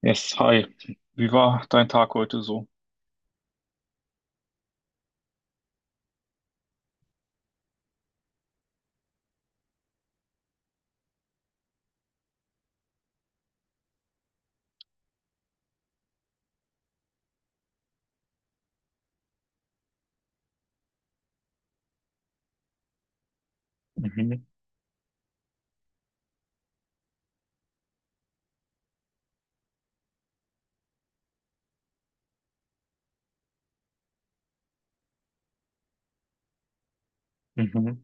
Yes, hi. Wie war dein Tag heute so? Mhm, mhm,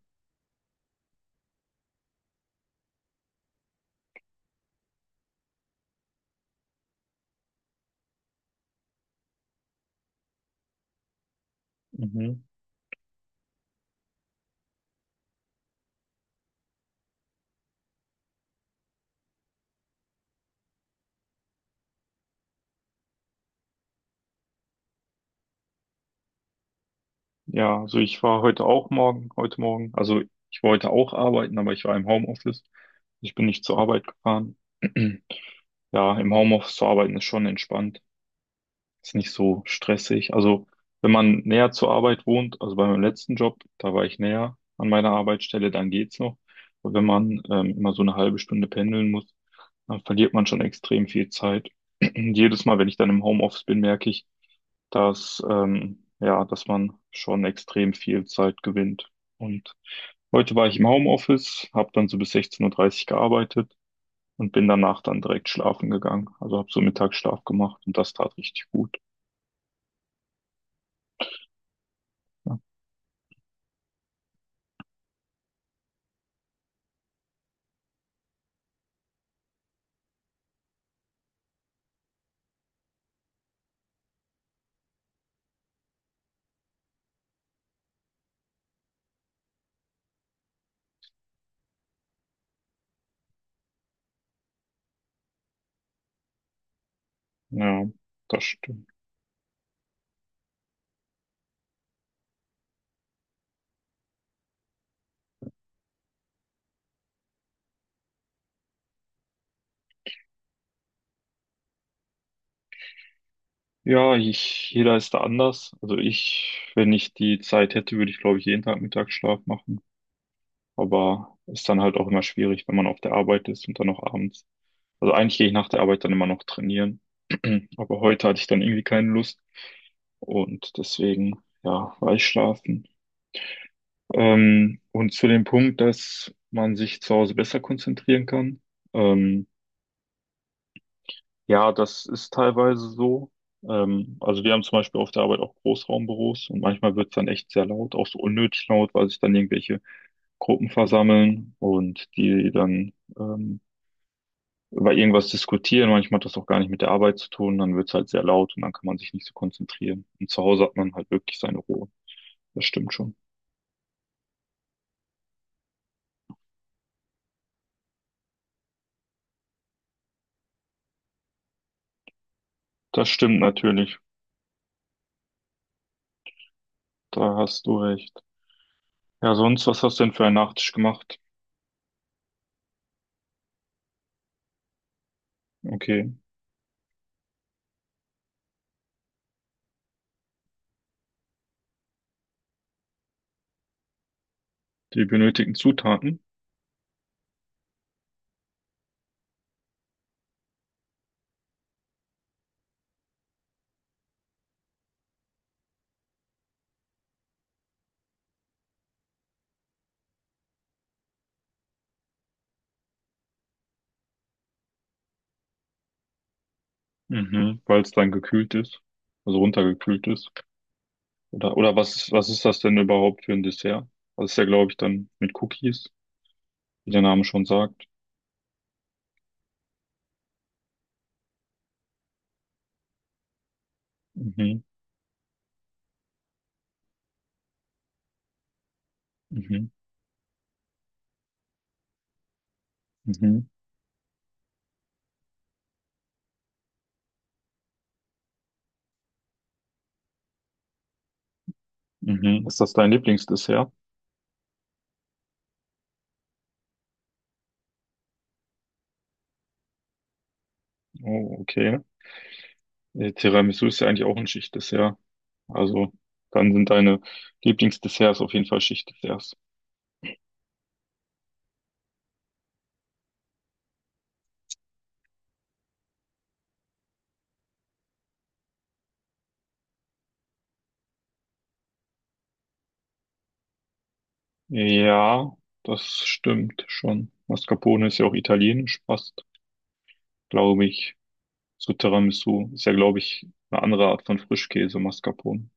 mhm. Ja, also ich war heute heute Morgen, also ich wollte auch arbeiten, aber ich war im Homeoffice. Ich bin nicht zur Arbeit gefahren. Ja, im Homeoffice zu arbeiten ist schon entspannt. Ist nicht so stressig. Also, wenn man näher zur Arbeit wohnt, also bei meinem letzten Job, da war ich näher an meiner Arbeitsstelle, dann geht's noch. Aber wenn man immer so eine halbe Stunde pendeln muss, dann verliert man schon extrem viel Zeit. Jedes Mal, wenn ich dann im Homeoffice bin, merke ich, dass, ja, dass man schon extrem viel Zeit gewinnt. Und heute war ich im Homeoffice, habe dann so bis 16:30 Uhr dreißig gearbeitet und bin danach dann direkt schlafen gegangen. Also habe so Mittagsschlaf gemacht und das tat richtig gut. Ja, das stimmt. Ja, ich, jeder ist da anders. Also ich, wenn ich die Zeit hätte, würde ich, glaube ich, jeden Tag Mittagsschlaf machen. Aber ist dann halt auch immer schwierig, wenn man auf der Arbeit ist und dann noch abends. Also eigentlich gehe ich nach der Arbeit dann immer noch trainieren. Aber heute hatte ich dann irgendwie keine Lust. Und deswegen, ja, war ich schlafen. Und zu dem Punkt, dass man sich zu Hause besser konzentrieren kann. Ähm, Ja, das ist teilweise so. Also wir haben zum Beispiel auf der Arbeit auch Großraumbüros und manchmal wird es dann echt sehr laut, auch so unnötig laut, weil sich dann irgendwelche Gruppen versammeln und die dann über irgendwas diskutieren. Manchmal hat das auch gar nicht mit der Arbeit zu tun, dann wird es halt sehr laut und dann kann man sich nicht so konzentrieren. Und zu Hause hat man halt wirklich seine Ruhe. Das stimmt schon. Das stimmt natürlich. Da hast du recht. Ja, sonst, was hast du denn für einen Nachtisch gemacht? Okay, die benötigten Zutaten. Mhm, weil es dann gekühlt ist, also runtergekühlt ist. Oder was, was ist das denn überhaupt für ein Dessert? Das ist ja, glaube ich, dann mit Cookies, wie der Name schon sagt. Mhm, mhm, mhm, mhm. Ist das dein Lieblingsdessert? Oh, okay. Tiramisu ist ja eigentlich auch ein Schichtdessert. Also, dann sind deine Lieblingsdesserts auf jeden Fall Schichtdesserts. Ja, das stimmt schon. Mascarpone ist ja auch italienisch fast, glaube ich. So Tiramisu ist ja, glaube ich, eine andere Art von Frischkäse, Mascarpone.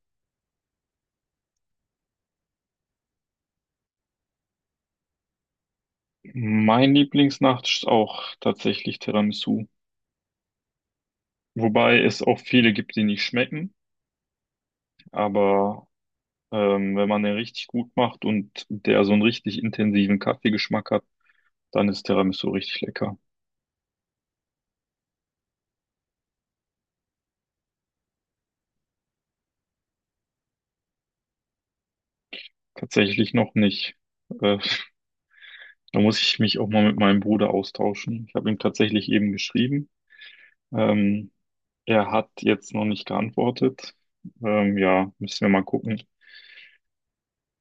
Mein Lieblingsnacht ist auch tatsächlich Tiramisu. Wobei es auch viele gibt, die nicht schmecken. Aber wenn man den richtig gut macht und der so einen richtig intensiven Kaffeegeschmack hat, dann ist Tiramisu richtig lecker. Tatsächlich noch nicht. Äh, da muss ich mich auch mal mit meinem Bruder austauschen. Ich habe ihm tatsächlich eben geschrieben. Ähm, Er hat jetzt noch nicht geantwortet. Ja, müssen wir mal gucken.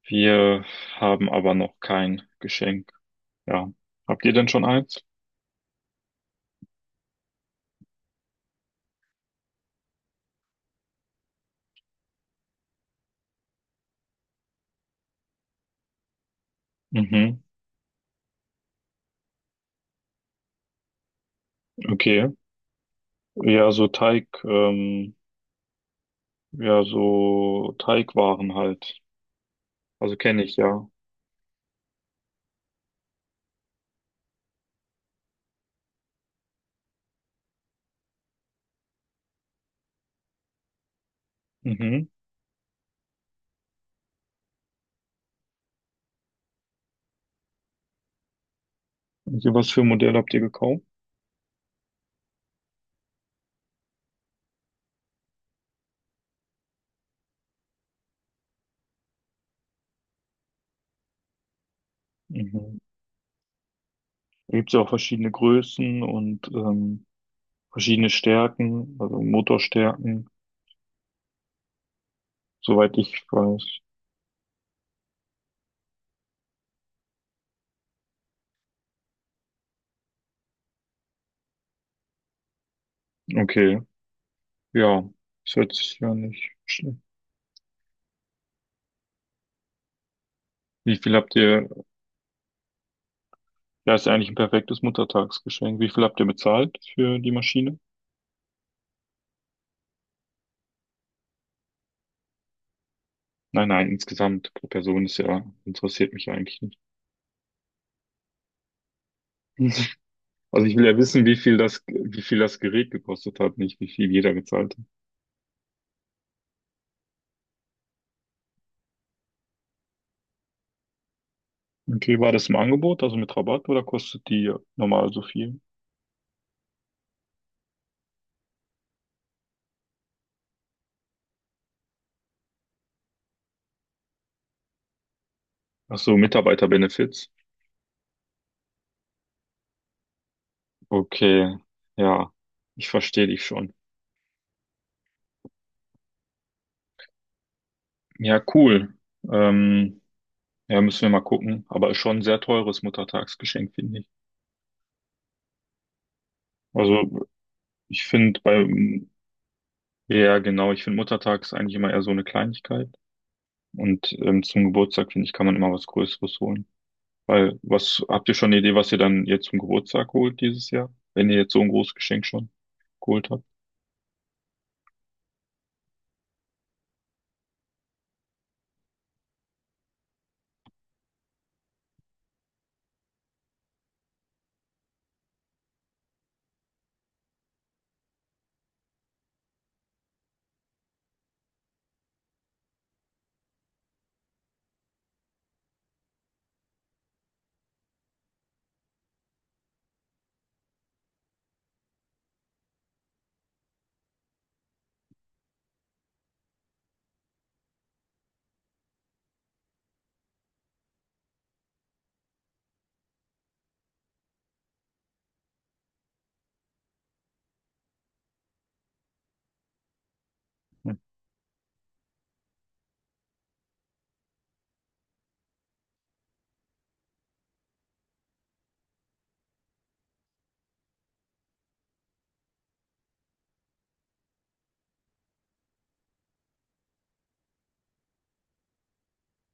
Wir haben aber noch kein Geschenk. Ja. Habt ihr denn schon eins? Mhm. Okay. Ja, so Teig, ja, so Teigwaren halt. Also kenne ich ja. Mhm. Also was für ein Modell habt ihr gekauft? Mhm. Da gibt's ja auch verschiedene Größen und verschiedene Stärken, also Motorstärken, soweit ich weiß. Okay, ja, das hört sich ja nicht schlecht. Wie viel habt ihr Ja, ist ja eigentlich ein perfektes Muttertagsgeschenk. Wie viel habt ihr bezahlt für die Maschine? Nein, nein, insgesamt pro Person ist ja, interessiert mich ja eigentlich nicht. Also ich will ja wissen, wie viel das Gerät gekostet hat, nicht wie viel jeder gezahlt hat. Okay, war das im Angebot, also mit Rabatt oder kostet die normal so viel? Ach so, Mitarbeiterbenefits. Okay, ja, ich verstehe dich schon. Ja, cool. Ähm, ja, müssen wir mal gucken. Aber ist schon ein sehr teures Muttertagsgeschenk, finde ich. Also ich finde, bei Ja, genau. Ich finde Muttertag ist eigentlich immer eher so eine Kleinigkeit. Und zum Geburtstag, finde ich, kann man immer was Größeres holen. Weil, was, habt ihr schon eine Idee, was ihr dann jetzt zum Geburtstag holt dieses Jahr? Wenn ihr jetzt so ein großes Geschenk schon geholt habt?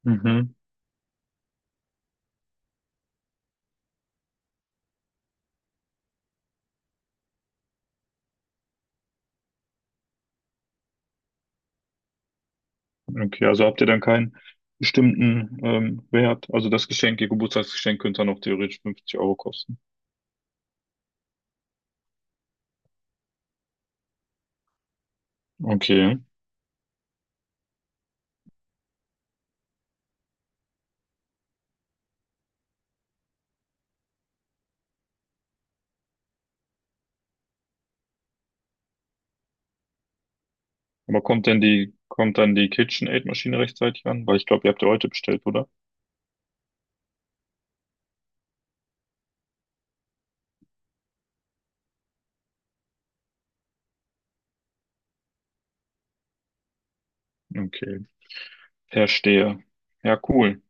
Mhm. Okay, also habt ihr dann keinen bestimmten Wert? Also das Geschenk, ihr Geburtstagsgeschenk könnte dann auch theoretisch 50 Euro kosten. Okay. Aber kommt denn die, kommt dann die KitchenAid-Maschine rechtzeitig an? Weil ich glaube, ihr habt ja heute bestellt, oder? Okay. Verstehe. Ja, cool.